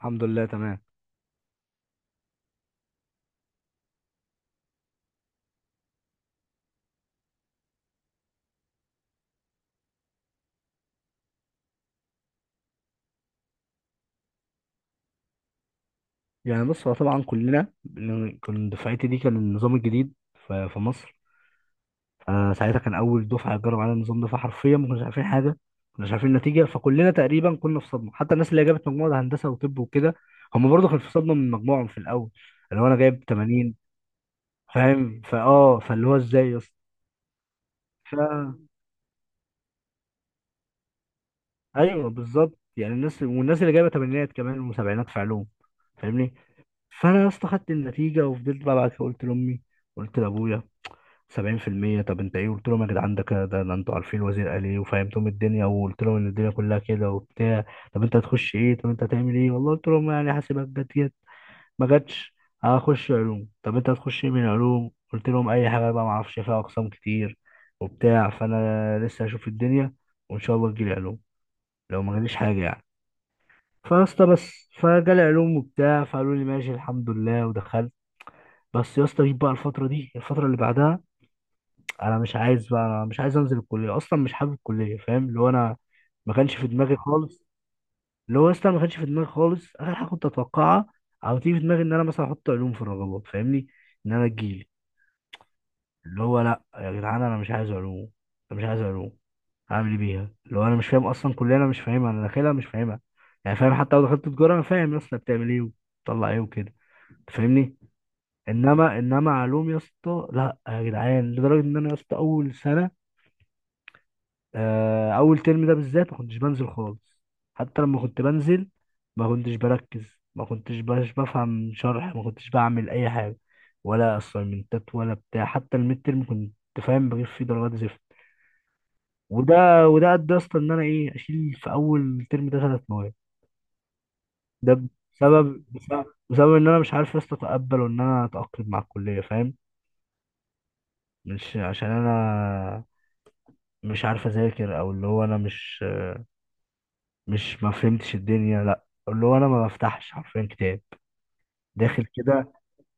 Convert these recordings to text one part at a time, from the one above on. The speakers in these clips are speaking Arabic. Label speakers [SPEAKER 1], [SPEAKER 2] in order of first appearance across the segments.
[SPEAKER 1] الحمد لله تمام. يعني بص، هو طبعا كلنا كان دفعتي دي كان النظام الجديد في مصر. فساعتها كان اول دفعه تجرب على النظام ده، فحرفيا ما كناش عارفين حاجه، ما كناش عارفين النتيجه. فكلنا تقريبا كنا في صدمه، حتى الناس اللي جابت مجموعه هندسه وطب وكده هم برضه كانوا في صدمه من مجموعهم في الاول، اللي هو انا جايب 80. فاهم، فاللي هو ازاي يا اسطى؟ ف- ايوه بالظبط، يعني الناس، والناس اللي جايبه تمانينات كمان وسبعينات في علوم، فاهمني؟ فانا يا اسطى خدت النتيجه وفضلت بقى. بعد كده قلت لامي، قلت لابويا، 70%. طب انت ايه؟ قلت لهم يا جدعان ده كده، ده انتوا عارفين الوزير قال ايه، وفهمتهم الدنيا، وقلت لهم ان الدنيا كلها كده وبتاع. طب انت هتخش ايه؟ طب انت هتعمل ايه؟ والله قلت لهم يعني حاسبات، جت جت ما جاتش. اه، هخش علوم. طب انت هتخش ايه من علوم؟ قلت لهم اي حاجه بقى، ما اعرفش فيها اقسام كتير وبتاع، فانا لسه هشوف الدنيا، وان شاء الله تجيلي علوم، لو ما جاليش حاجه يعني. فيا اسطى بس فجالي علوم وبتاع، فقالوا لي ماشي الحمد لله، ودخلت. بس يا اسطى جيت بقى الفتره دي، الفتره اللي بعدها، انا مش عايز بقى، انا مش عايز انزل الكليه اصلا، مش حابب الكليه، فاهم؟ اللي هو انا ما كانش في دماغي خالص، اللي هو اصلا ما كانش في دماغي خالص، اخر حاجه كنت اتوقعها او تيجي في دماغي ان انا مثلا احط علوم في الرغبات، فاهمني؟ ان انا تجيلي. اللي هو لا يا جدعان انا مش عايز علوم، انا مش عايز علوم، هعمل ايه بيها؟ اللي هو انا مش فاهم اصلا كليه، انا مش فاهمها، انا داخلها مش فاهمها. يعني فاهم، حتى لو دخلت تجاره انا فاهم يا اسطى بتعمل ايه وبتطلع ايه وكده، أنت فاهمني؟ انما علوم يا اسطى لا يا جدعان. لدرجه ان انا يا اسطى اول سنه، اول ترم ده بالذات، ما كنتش بنزل خالص. حتى لما كنت بنزل ما كنتش بركز، ما كنتش بفهم شرح، ما كنتش بعمل اي حاجه، ولا اسايمنتات ولا بتاع. حتى الميد ترم كنت فاهم، بجيب فيه درجات زفت. وده ادى يا اسطى ان انا ايه، اشيل في اول ترم ده ثلاث مواد. ده بسبب ان انا مش عارف يا اسطى اتقبل وان انا اتاقلم مع الكليه، فاهم؟ مش عشان انا مش عارف اذاكر، او اللي هو انا مش ما فهمتش الدنيا، لا اللي هو انا ما بفتحش حرفيا كتاب. داخل كده،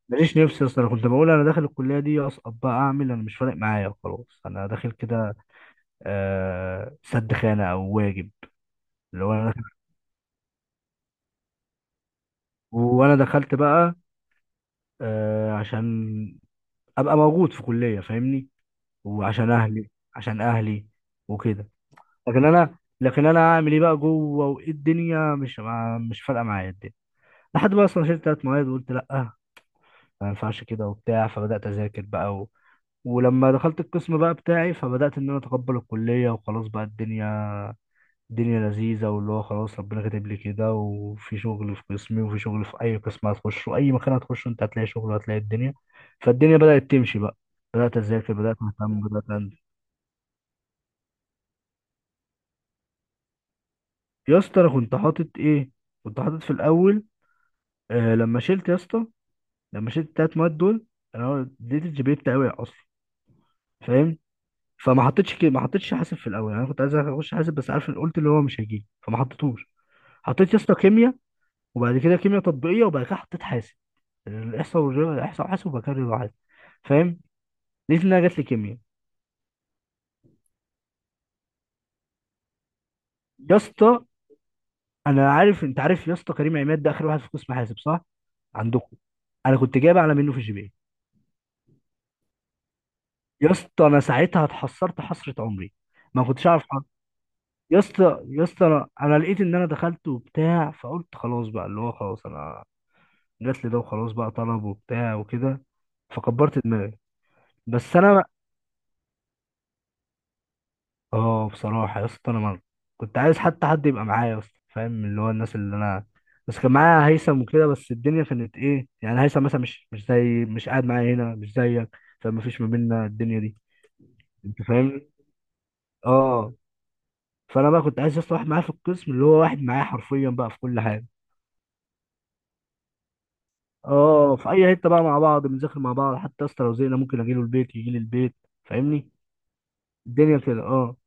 [SPEAKER 1] ماليش نفسي اصلا. انا كنت بقول انا داخل الكليه دي، اسقط بقى اعمل، انا مش فارق معايا، خلاص انا داخل كده، سد خانه او واجب. اللي هو انا داخل، وانا دخلت بقى، عشان ابقى موجود في كليه، فاهمني؟ وعشان اهلي، عشان اهلي وكده. لكن انا اعمل ايه بقى جوه؟ وايه الدنيا؟ مش مش فارقه معايا الدنيا، لحد بقى اصلا شلت ثلاث مواد وقلت لا، ما ينفعش كده وبتاع. فبدأت أذاكر بقى. ولما دخلت القسم بقى بتاعي، فبدأت إن أنا أتقبل الكلية، وخلاص بقى الدنيا لذيذة، واللي هو خلاص ربنا كاتب لي كده، وفي شغل في قسمي، وفي شغل في أي قسم هتخشه، أي مكان هتخشه أنت هتلاقي شغل وهتلاقي الدنيا. فالدنيا بدأت تمشي بقى، بدأت أذاكر، بدأت أهتم، بدأت أنزل. يا اسطى أنا كنت حاطط إيه؟ كنت حاطط في الأول، لما شلت يا اسطى، لما شلت التلات مواد دول، أنا اديت الجي بي إيه بتاعي وقع أصلا، فاهم؟ فما حطيتش كده، ما حطيتش حاسب في الاول. يعني انا كنت عايز اخش حاسب بس عارف، قلت اللي هو مش هيجي فما حطيتهوش. حطيت يا اسطى كيمياء، وبعد كده كيمياء تطبيقيه، وبعد كده حطيت حاسب، الاحصاء والرياضه، الاحصاء وحاسب، وبعد كده الرياضة وحاسب، فاهم؟ لقيت انها جات لي كيمياء. يا اسطى انا عارف، انت عارف يا اسطى كريم عماد ده اخر واحد في قسم حاسب صح، عندكم؟ انا كنت جايب اعلى منه في الجي بي إيه. يا اسطى انا ساعتها اتحسرت حسره عمري، ما كنتش اعرف حد. يا اسطى انا، لقيت ان انا دخلت وبتاع، فقلت خلاص بقى، اللي هو خلاص انا جات لي ده وخلاص بقى، طلب وبتاع وكده، فكبرت دماغي. بس انا بقى، اه بصراحه يا اسطى انا مر. كنت عايز حتى حد يبقى معايا يا اسطى، فاهم؟ اللي هو الناس اللي انا، بس كان معايا هيثم وكده، بس الدنيا كانت ايه، يعني هيثم مثلا مش زي، مش قاعد معايا هنا، مش زيك. فما فيش ما بيننا الدنيا دي، انت فاهمني؟ اه، فانا بقى كنت عايز يا اسطى واحد معايا في القسم، اللي هو واحد معايا حرفيا بقى في كل حاجه. اه، في اي حته بقى مع بعض، بنذاكر مع بعض، حتى يا اسطى لو زهقنا ممكن اجي له البيت يجي لي البيت، فاهمني؟ الدنيا كده، اه.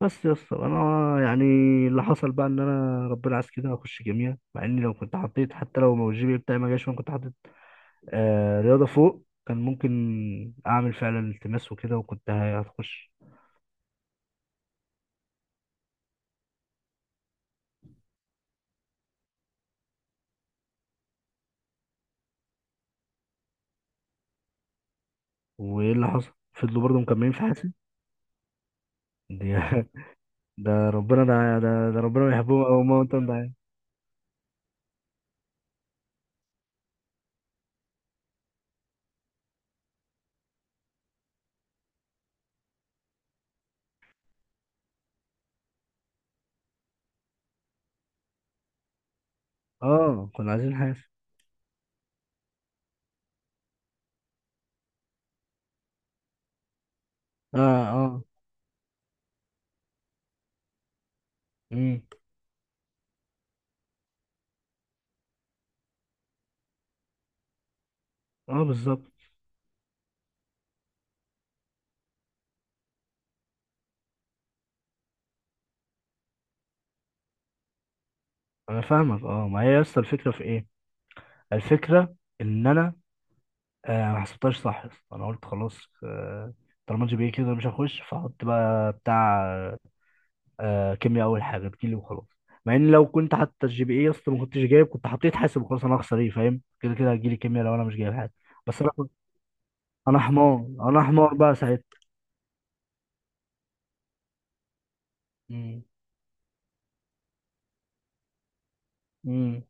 [SPEAKER 1] بس يا اسطى انا يعني، اللي حصل بقى ان انا ربنا عايز كده، اخش كيمياء. مع اني لو كنت حطيت حتى لو ما الجي بي إيه بتاعي ما جاش، وانا كنت حطيت رياضه فوق، كان ممكن اعمل فعلا التماس وكده، وكنت هتخش. وايه اللي حصل؟ فضلوا برضه مكملين في حياتي دي. ده ربنا، ده ربنا بيحبهم، او ما انت مضايق. اه كنا عايزين حاسب. اه، اه. امم. اه بالظبط. انا فاهمك، اه. ما هي يا اسطى الفكره في ايه؟ الفكره ان انا، ما حسبتهاش صح يا اسطى. انا قلت خلاص، طالما جي بي إيه كده مش هخش، فاحط بقى بتاع، كيمياء اول حاجه تجيلي وخلاص. مع ان لو كنت، حتى الجي بي اي اصلا ما كنتش جايب، كنت حطيت حاسب وخلاص. انا هخسر ايه فاهم؟ كده كده هتجيلي كيمياء لو انا مش جايب حاجه. بس انا كنت- انا حمار، انا حمار بقى ساعتها. مم. مم.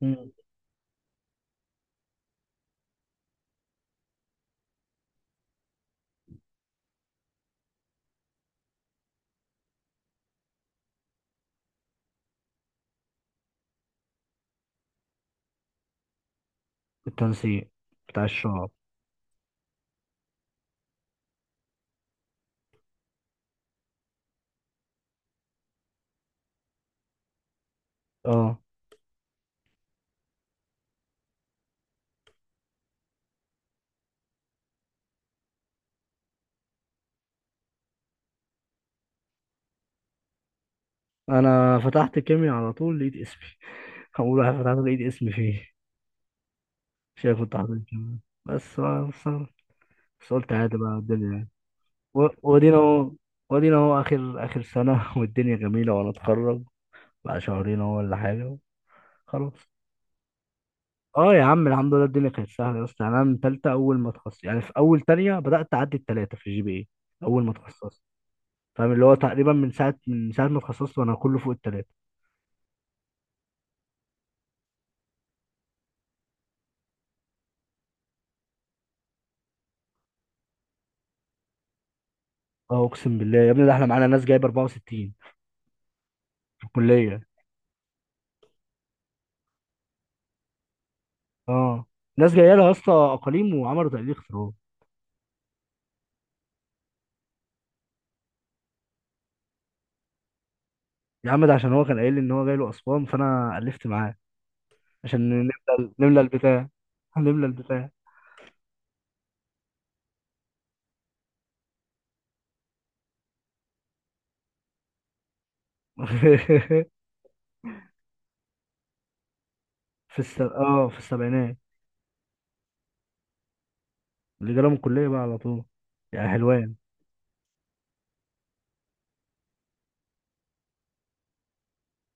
[SPEAKER 1] مم. التنسيق بتاع الشعب. اه انا فتحت كيمياء على طول، لقيت اسمي. اول واحد فتحت لقيت اسمي فيه. شايف؟ كنت حاطط كيمياء بس، بقى بس قلت عادي بقى الدنيا. ودينا اهو، ودينا اهو اخر، اخر سنة. والدنيا جميلة وانا اتخرج بقى، شهرين اهو ولا حاجة. خلاص. اه يا عم الحمد لله الدنيا كانت سهلة يا اسطى. يعني انا من تالتة، اول ما اتخصصت، يعني في اول تانية بدأت اعدي التلاتة في الجي بي اي. اول ما اتخصصت، فاهم؟ اللي هو تقريبا من ساعة ما اتخصصت وانا كله فوق التلاتة. اه اقسم بالله يا ابني، ده احنا معانا ناس جايبة 64 في الكلية. اه ناس جايه لها يا اسطى اقاليم وعملوا تقليل اختراع. يا عم ده عشان هو كان قايل لي ان هو جاي له اسوان، فانا الفت معاه عشان نملى البتاع نملى البتاع. في السبعينات اللي جاله من الكلية بقى على طول، يعني حلوان.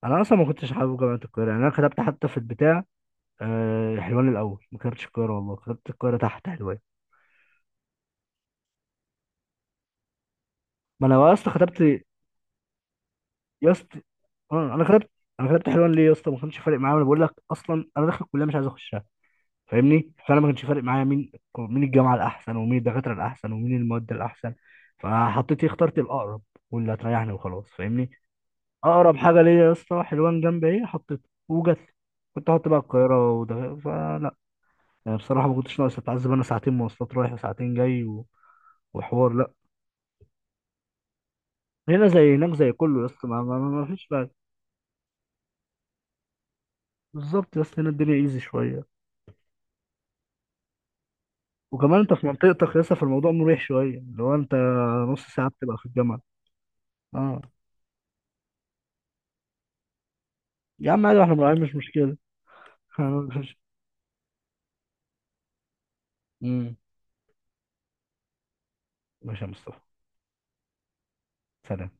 [SPEAKER 1] انا اصلا ما كنتش حابب جامعة القاهرة، يعني انا كتبت حتى في البتاع، حلوان الاول، ما كتبتش القاهرة. والله كتبت القاهرة تحت حلوان. ما انا اصلا كتبت يا اسطى، آه، انا كتبت انا كتبت حلوان. ليه يا اسطى؟ ما كانش فارق معايا. انا بقول لك اصلا انا داخل الكلية مش عايز اخش، فاهمني؟ فانا ما كانش فارق معايا مين الجامعه الاحسن، ومين الدكاتره الاحسن، ومين المواد الاحسن. فحطيت اخترت الاقرب، واللي هتريحني وخلاص، فاهمني؟ اقرب حاجه ليا يا اسطى حلوان. جنب ايه حطيته وجت. كنت هحط بقى القاهره وده، فلا. يعني بصراحه ما كنتش ناقص اتعذب انا، ساعتين مواصلات رايح وساعتين جاي وحوار، لا. هنا زي هناك، زي كله يا اسطى، ما فيش بقى. بالظبط يا اسطى، هنا الدنيا ايزي شويه. وكمان انت في منطقتك يا اسطى، فالموضوع مريح شويه. لو انت نص ساعه بتبقى في الجامعه، اه. يا عم عادي، واحنا مراعيين، مش مشكلة. أنا- مش مم. ماشي يا مصطفى، سلام.